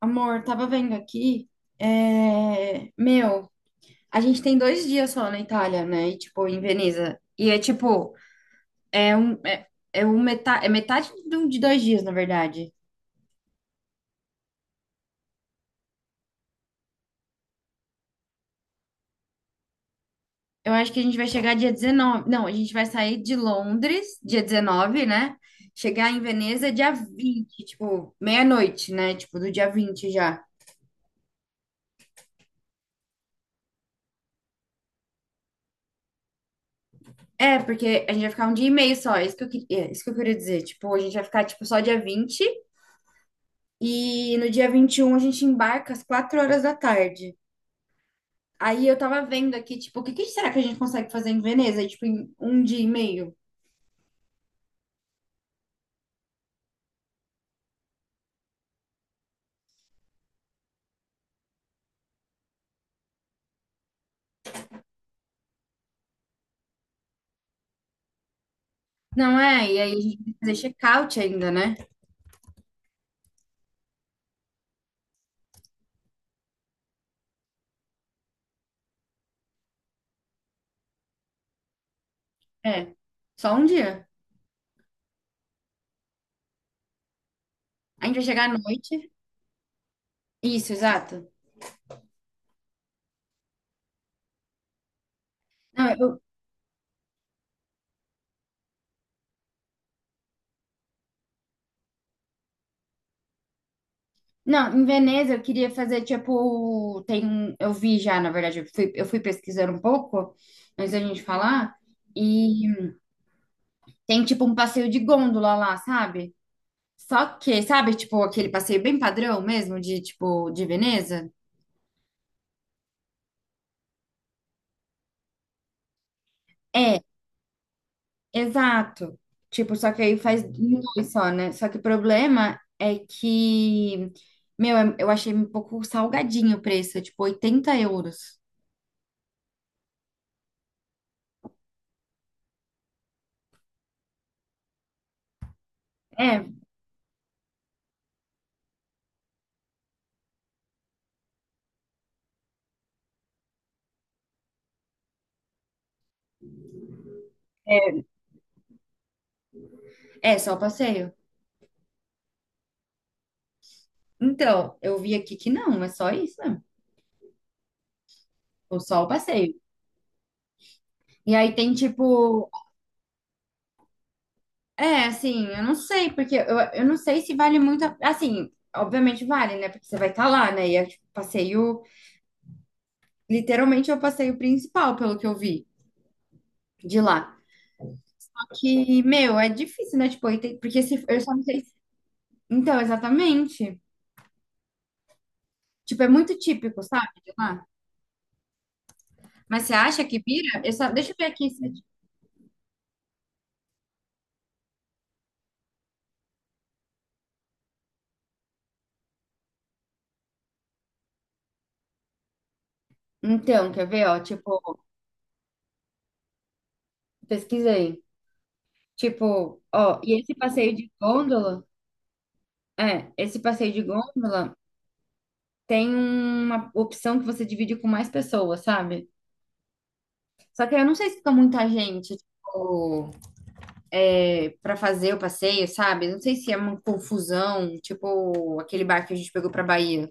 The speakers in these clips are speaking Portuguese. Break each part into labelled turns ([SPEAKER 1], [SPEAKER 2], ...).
[SPEAKER 1] Amor, tava vendo aqui. Meu, a gente tem dois dias só na Itália, né? E, tipo, em Veneza. E é tipo, é um, é, é metade de, de dois dias, na verdade. Eu acho que a gente vai chegar dia 19. Não, a gente vai sair de Londres dia 19, né? Chegar em Veneza dia 20, tipo, meia-noite, né? Tipo, do dia 20 já. É, porque a gente vai ficar um dia e meio só, isso que eu queria dizer. Tipo, a gente vai ficar, tipo, só dia 20. E no dia 21 a gente embarca às 4 horas da tarde. Aí eu tava vendo aqui, tipo, o que que será que a gente consegue fazer em Veneza? Tipo, em um dia e meio? Não é? E aí a gente tem que fazer check-out ainda, né? É, só um dia. A gente vai chegar à noite. Isso, exato. Não, eu- não, em Veneza eu queria fazer, tipo, tem, eu vi já, na verdade, eu fui pesquisando um pouco antes da gente falar. E tem, tipo, um passeio de gôndola lá, sabe? Só que, sabe, tipo, aquele passeio bem padrão mesmo, de, tipo, de Veneza? É, exato. Tipo, só que aí faz em dois só, né? Só que o problema é que, meu, eu achei um pouco salgadinho o preço, é tipo 80 euros. É, é só o passeio. Então, eu vi aqui que não, é só isso, né? Ou só o passeio. E aí tem tipo, é, assim, eu não sei, porque eu não sei se vale muito, assim, obviamente vale, né? Porque você vai estar lá, né? E é tipo, passeio. Literalmente é o passeio principal, pelo que eu vi de lá. Só que, meu, é difícil, né? Tipo, porque se, eu só não sei. Então, exatamente. Tipo, é muito típico, sabe? De lá. Mas você acha que pira? Eu só, deixa eu ver aqui. Então, quer ver, ó? Tipo, pesquisei. Tipo, ó, e esse passeio de gôndola? É, esse passeio de gôndola tem uma opção que você divide com mais pessoas, sabe? Só que eu não sei se fica muita gente, tipo, para fazer o passeio, sabe? Não sei se é uma confusão, tipo aquele barco que a gente pegou pra Bahia.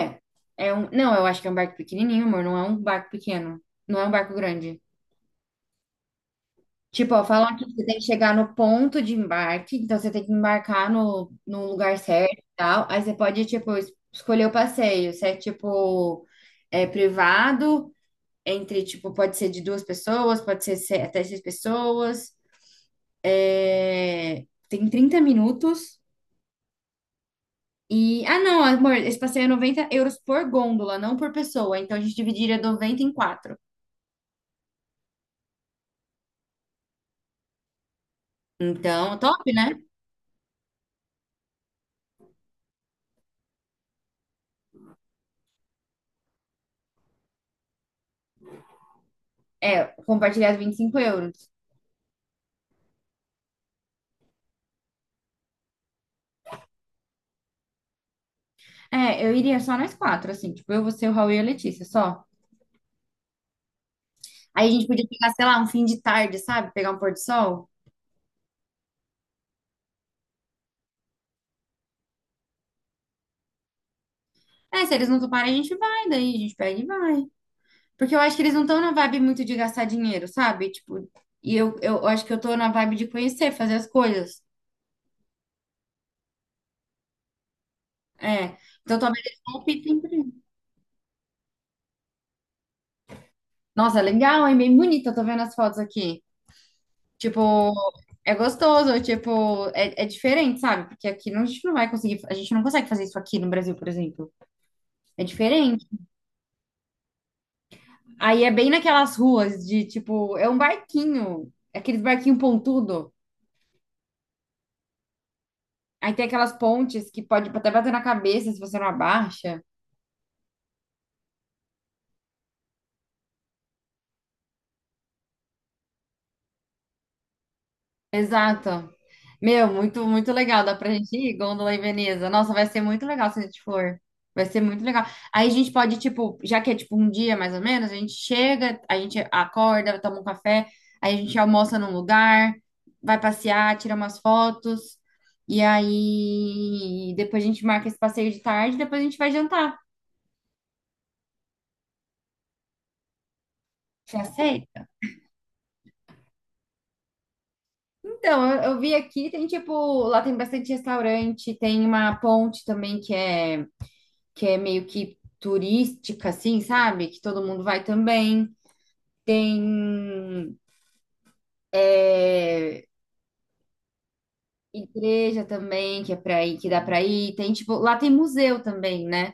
[SPEAKER 1] É, não, eu acho que é um barco pequenininho, amor, não é um barco pequeno, não é um barco grande. Tipo, ó, falam que você tem que chegar no ponto de embarque, então você tem que embarcar no lugar certo e tal. Aí você pode, tipo, escolher o passeio, se é tipo é privado, entre, tipo, pode ser de duas pessoas, pode ser até seis pessoas. É, tem 30 minutos. E, ah, não, amor, esse passeio é 90 euros por gôndola, não por pessoa. Então a gente dividiria 90 em quatro. Então, top, né? Compartilhar os 25 euros. É, eu iria só nós quatro, assim, tipo, eu, você, o Raul e a Letícia, só. Aí a gente podia pegar, sei lá, um fim de tarde, sabe? Pegar um pôr do sol. É, se eles não toparem, a gente vai, daí a gente pega e vai. Porque eu acho que eles não estão na vibe muito de gastar dinheiro, sabe? Tipo, e eu acho que eu tô na vibe de conhecer, fazer as coisas. É. Então talvez eles não optem por isso. Nossa, legal, hein? Bem bonita, tô vendo as fotos aqui. Tipo, é gostoso, tipo, é diferente, sabe? Porque aqui não- a gente não vai conseguir, a gente não consegue fazer isso aqui no Brasil, por exemplo. É diferente. Aí é bem naquelas ruas de, tipo, é um barquinho, é aqueles barquinho pontudo. Aí tem aquelas pontes que pode até bater na cabeça se você não abaixa. Exato. Meu, muito, muito legal. Dá pra gente ir, Gôndola e Veneza. Nossa, vai ser muito legal se a gente for. Vai ser muito legal. Aí a gente pode, tipo, já que é tipo um dia mais ou menos, a gente chega, a gente acorda, toma um café, aí a gente almoça num lugar, vai passear, tira umas fotos, e aí depois a gente marca esse passeio de tarde, depois a gente vai jantar. Você aceita? Então, eu vi aqui, tem tipo, lá tem bastante restaurante, tem uma ponte também que é que é meio que turística, assim, sabe? Que todo mundo vai também. Tem é, igreja também, que é pra ir, que dá pra ir. Tem, tipo, lá tem museu também, né?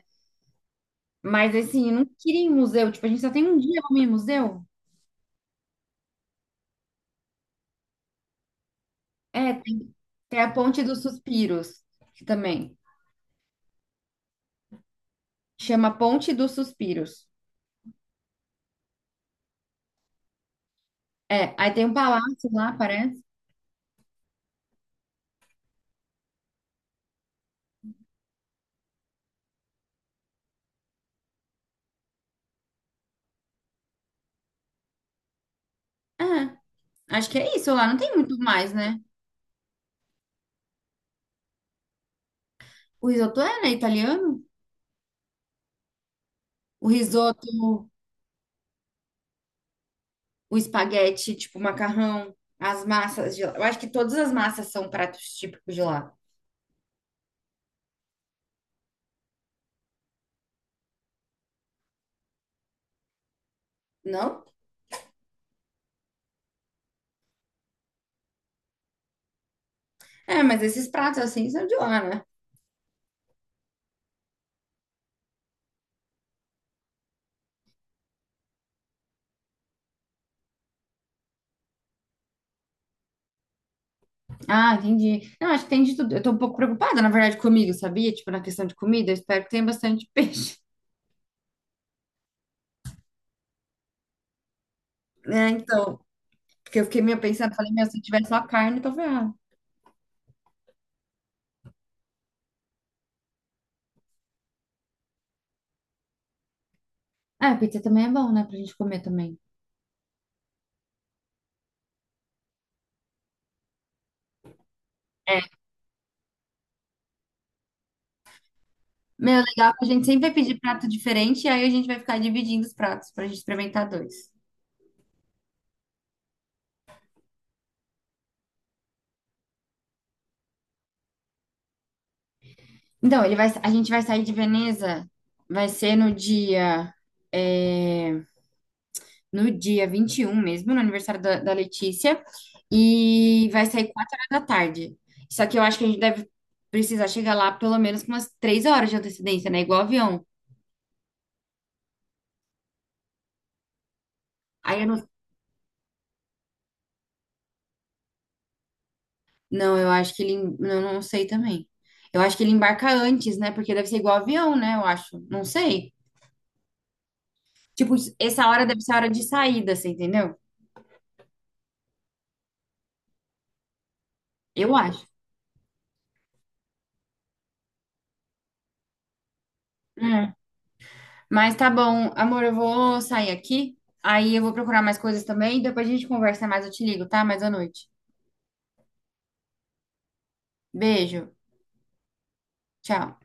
[SPEAKER 1] Mas, assim, eu não queria ir em museu. Tipo, a gente só tem um dia pra ir em museu. É, tem a Ponte dos Suspiros, que também chama Ponte dos Suspiros. É, aí tem um palácio lá, parece. É, acho que é isso lá. Não tem muito mais, né? O risoto é, né, italiano? O risoto o espaguete, tipo, macarrão, as massas de lá. Eu acho que todas as massas são pratos típicos de lá, não? É, mas esses pratos assim são de lá, né? Ah, entendi. Não, acho que tem de tudo. Eu tô um pouco preocupada, na verdade, comigo, sabia? Tipo, na questão de comida, eu espero que tenha bastante peixe. É, então, porque eu fiquei meio pensando, falei, meu, se tiver só carne, eu tô ferrada. Ah, pizza também é bom, né? Pra gente comer também. É. Meu, legal que a gente sempre vai pedir prato diferente e aí a gente vai ficar dividindo os pratos pra gente experimentar dois. Então, ele vai, a gente vai sair de Veneza, vai ser no dia, é, no dia 21 mesmo, no aniversário da Letícia, e vai sair 4 horas da tarde. Só que eu acho que a gente deve precisar chegar lá pelo menos com umas 3 horas de antecedência, né? Igual avião. Aí eu não, não, eu acho que ele, eu não sei também. Eu acho que ele embarca antes, né? Porque deve ser igual avião, né? Eu acho. Não sei. Tipo, essa hora deve ser a hora de saída, você entendeu? Eu acho. Mas tá bom, amor, eu vou sair aqui. Aí eu vou procurar mais coisas também. Depois a gente conversa mais, eu te ligo, tá? Mais à noite. Beijo. Tchau.